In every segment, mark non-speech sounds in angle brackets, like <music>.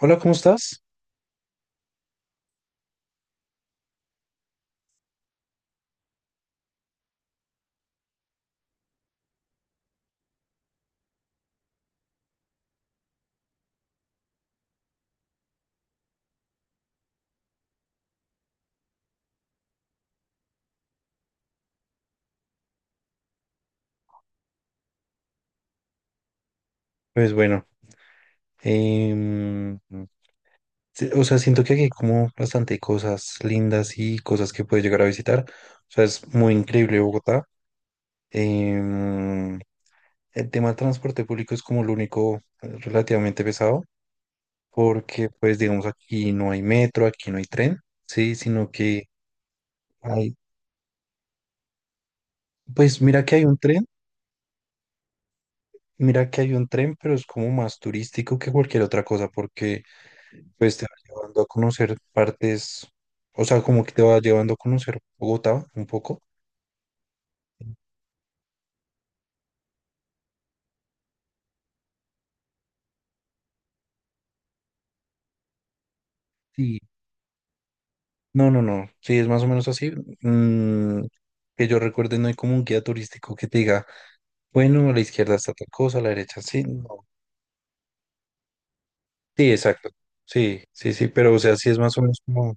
Hola, ¿cómo estás? Pues bueno, em, sí, o sea, siento que aquí hay como bastante cosas lindas y cosas que puedes llegar a visitar. O sea, es muy increíble Bogotá. Em, el tema del transporte público es como lo único relativamente pesado, porque pues digamos aquí no hay metro, aquí no hay tren, sí, sino que hay, pues mira que hay un tren, mira que hay un tren, pero es como más turístico que cualquier otra cosa, porque pues te va llevando a conocer partes, o sea, como que te va llevando a conocer Bogotá un poco. Sí. No, no, no, sí, es más o menos así. Mm, que yo recuerde, no hay como un guía turístico que te diga, bueno, a la izquierda está tal cosa, a la derecha sí, no. Sí, exacto. Sí, sí, sí, pero o sea, sí es más o menos como,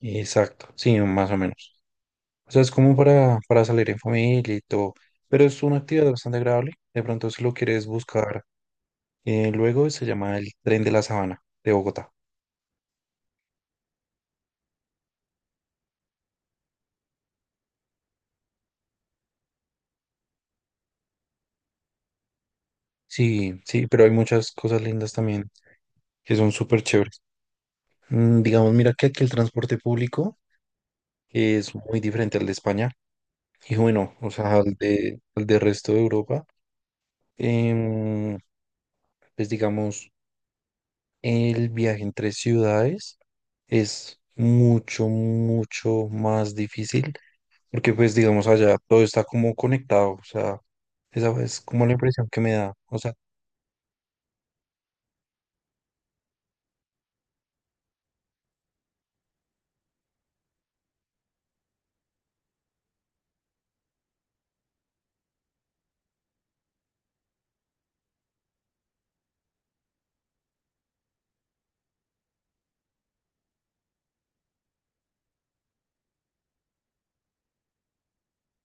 exacto, sí, más o menos. O sea, es como para salir en familia y todo, pero es una actividad bastante agradable. De pronto, si lo quieres buscar, luego se llama el Tren de la Sabana de Bogotá. Sí, sí, pero hay muchas cosas lindas también que son súper chéveres. Digamos, mira que aquí el transporte público es muy diferente al de España y bueno, o sea, al de resto de Europa. Em, pues digamos, el viaje entre ciudades es mucho, mucho más difícil porque pues digamos allá todo está como conectado, o sea, esa es como la impresión que me da. O sea,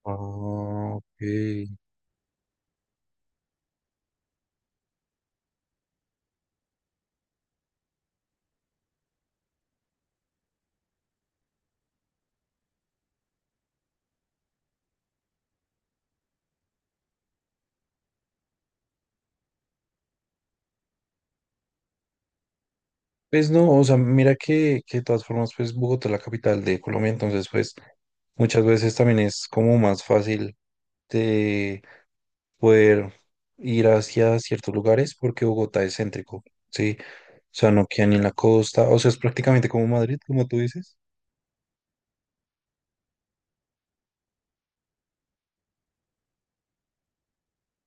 ah, ok. Pues no, o sea, mira que de todas formas, pues Bogotá es la capital de Colombia, entonces pues muchas veces también es como más fácil de poder ir hacia ciertos lugares porque Bogotá es céntrico, ¿sí? O sea, no queda ni en la costa, o sea, es prácticamente como Madrid, como tú dices.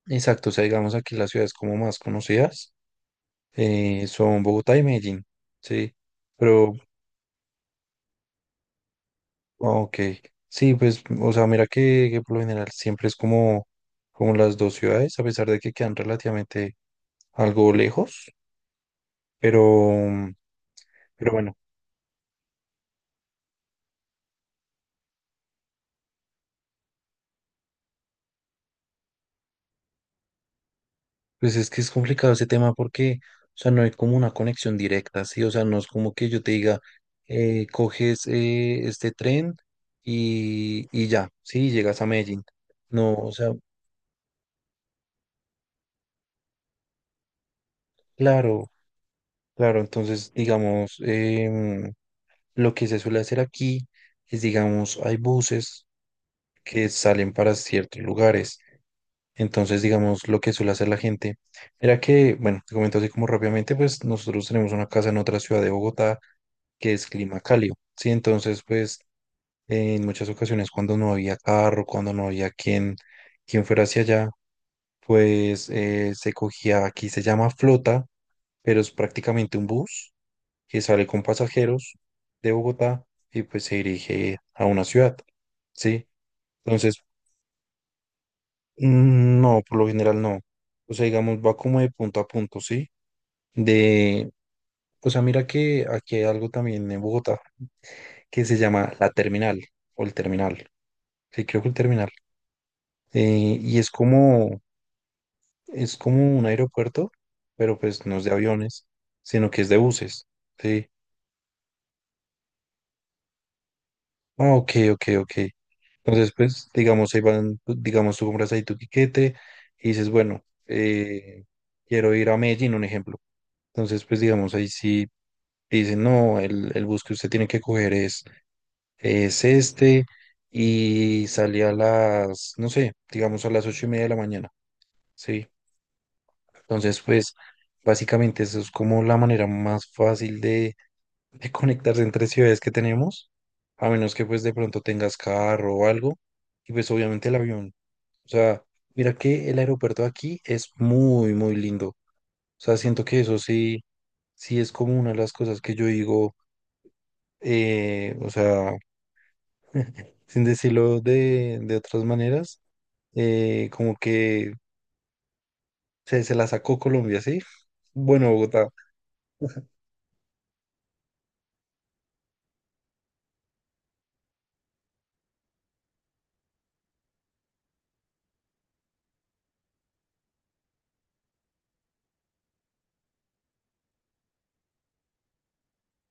Exacto, o sea, digamos aquí las ciudades como más conocidas son Bogotá y Medellín, ¿sí? Pero Ok, sí, pues, o sea, mira que por lo general siempre es como, como las dos ciudades, a pesar de que quedan relativamente algo lejos, pero, pero bueno, pues es que es complicado ese tema porque, o sea, no hay como una conexión directa, ¿sí? O sea, no es como que yo te diga, coges este tren y ya, ¿sí? Llegas a Medellín. No, o sea, claro, claro, entonces, digamos, em, lo que se suele hacer aquí es, digamos, hay buses que salen para ciertos lugares. Entonces, digamos, lo que suele hacer la gente, era que, bueno, te comento así como rápidamente, pues nosotros tenemos una casa en otra ciudad de Bogotá que es clima cálido, ¿sí? Entonces, pues en muchas ocasiones cuando no había carro, cuando no había quien, quien fuera hacia allá, pues se cogía, aquí se llama flota, pero es prácticamente un bus que sale con pasajeros de Bogotá y pues se dirige a una ciudad, ¿sí? Entonces, no, por lo general no. O sea, digamos, va como de punto a punto, ¿sí? De, o sea, mira que aquí hay algo también en Bogotá que se llama la terminal o el terminal. Sí, creo que el terminal. Y es como un aeropuerto, pero pues no es de aviones, sino que es de buses, ¿sí? Ah, ok, ok, ok. Entonces, pues, digamos, ahí van, pues, digamos, tú compras ahí tu tiquete y dices, bueno, quiero ir a Medellín, un ejemplo. Entonces, pues, digamos, ahí sí, te dicen, no, el bus que usted tiene que coger es este y salía a las, no sé, digamos a las 8:30 de la mañana, ¿sí? Entonces, pues, básicamente eso es como la manera más fácil de, conectarse entre ciudades que tenemos, a menos que pues de pronto tengas carro o algo, y pues obviamente el avión, o sea, mira que el aeropuerto de aquí es muy, muy lindo, o sea, siento que eso sí es como una de las cosas que yo digo, o sea, <laughs> sin decirlo de, otras maneras, como que se la sacó Colombia, ¿sí? Bueno, Bogotá.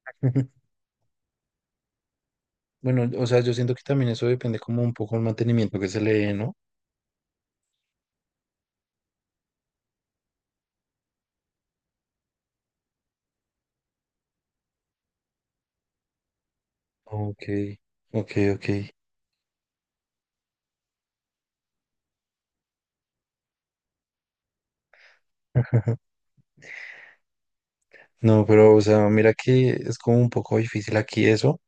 <laughs> Bueno, o sea, yo siento que también eso depende como un poco del mantenimiento que se le dé, ¿no? Ok, ok, ok. No, pero, o sea, mira que es como un poco difícil aquí eso.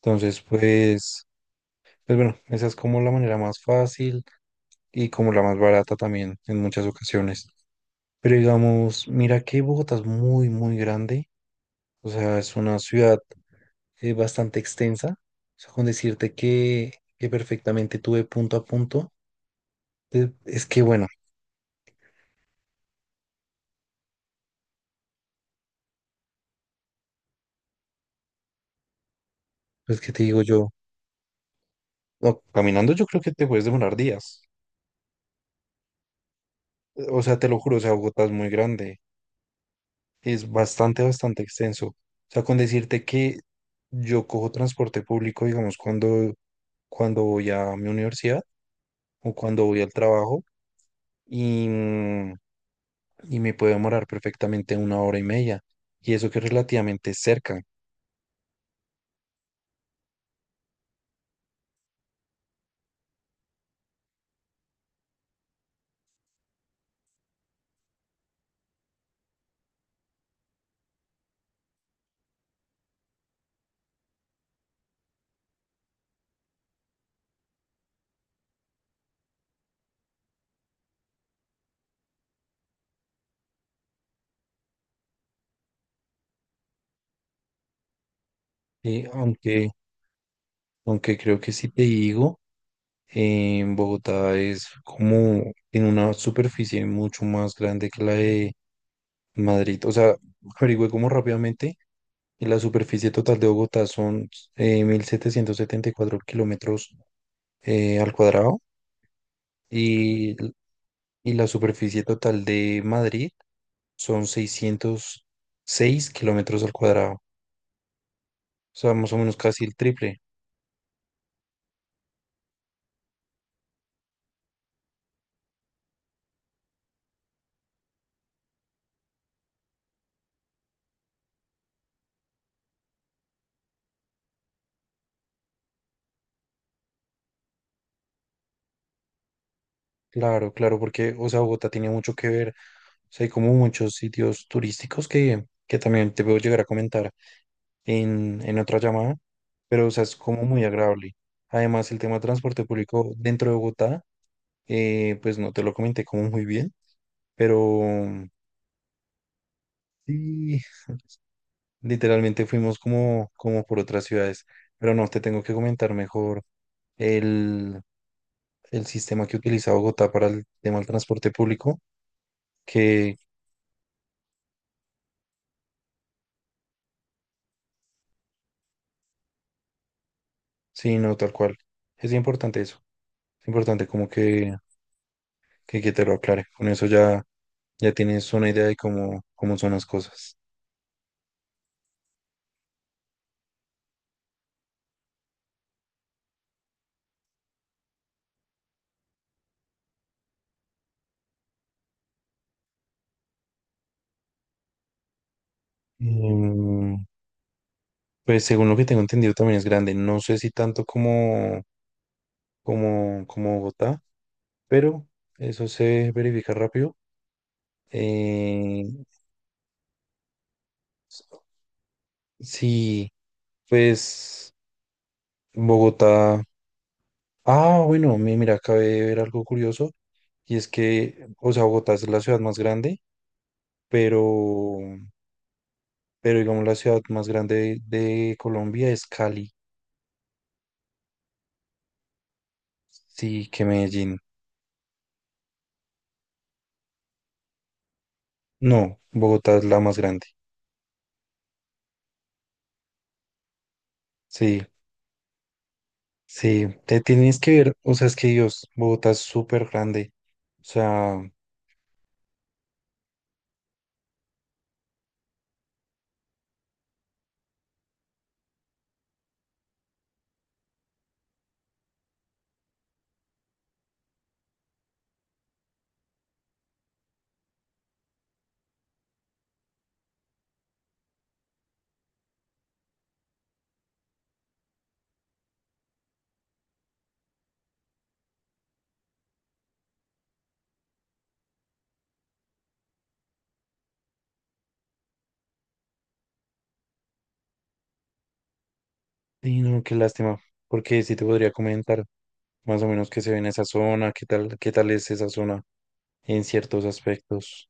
Entonces, pues bueno, esa es como la manera más fácil y como la más barata también en muchas ocasiones. Pero digamos, mira que Bogotá es muy, muy grande. O sea, es una ciudad bastante extensa. O sea, con decirte que perfectamente tuve punto a punto. Es que bueno, pues que te digo yo, no, caminando yo creo que te puedes demorar días. O sea, te lo juro, o sea, Bogotá es muy grande. Es bastante, bastante extenso. O sea, con decirte que yo cojo transporte público, digamos, cuando voy a mi universidad o cuando voy al trabajo y, mm, y me puede demorar perfectamente una hora y media. Y eso que es relativamente cerca. Y aunque Aunque creo que si te digo, en Bogotá es como en una superficie mucho más grande que la de Madrid. O sea, averigüé como rápidamente y la superficie total de Bogotá son 1.774 kilómetros al cuadrado y, y la superficie total de Madrid son 606 kilómetros al cuadrado. O sea, más o menos casi el triple. Claro, claro, porque, o sea, Bogotá tiene mucho que ver. O sea, hay como muchos sitios turísticos que también te puedo llegar a comentar en, otra llamada, pero, o sea, es como muy agradable. Además, el tema de transporte público dentro de Bogotá, pues no te lo comenté como muy bien, pero sí, literalmente fuimos como por otras ciudades, pero no, te tengo que comentar mejor el, el sistema que utiliza Bogotá para el tema del transporte público. Sí, no, tal cual. Es importante eso. Es importante como que te lo aclare. Con eso ya, ya tienes una idea de cómo, cómo son las cosas. Em, pues según lo que tengo entendido también es grande. No sé si tanto como, como Bogotá, pero eso se verifica rápido. Eh, sí, pues Bogotá. Ah, bueno, mira, acabé de ver algo curioso. Y es que, o sea, Bogotá es la ciudad más grande, pero... pero digamos la ciudad más grande de, Colombia es Cali, sí, que Medellín. No, Bogotá es la más grande. Sí, sí, te tienes que ver, o sea, es que Dios, Bogotá es súper grande. O sea, y no, qué lástima, porque sí te podría comentar más o menos qué se ve en esa zona, qué tal es esa zona en ciertos aspectos.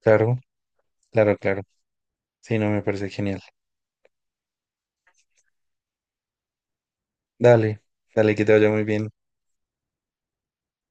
Claro, claro, claro. Sí, no, me parece genial. Dale, dale, que te vaya muy bien.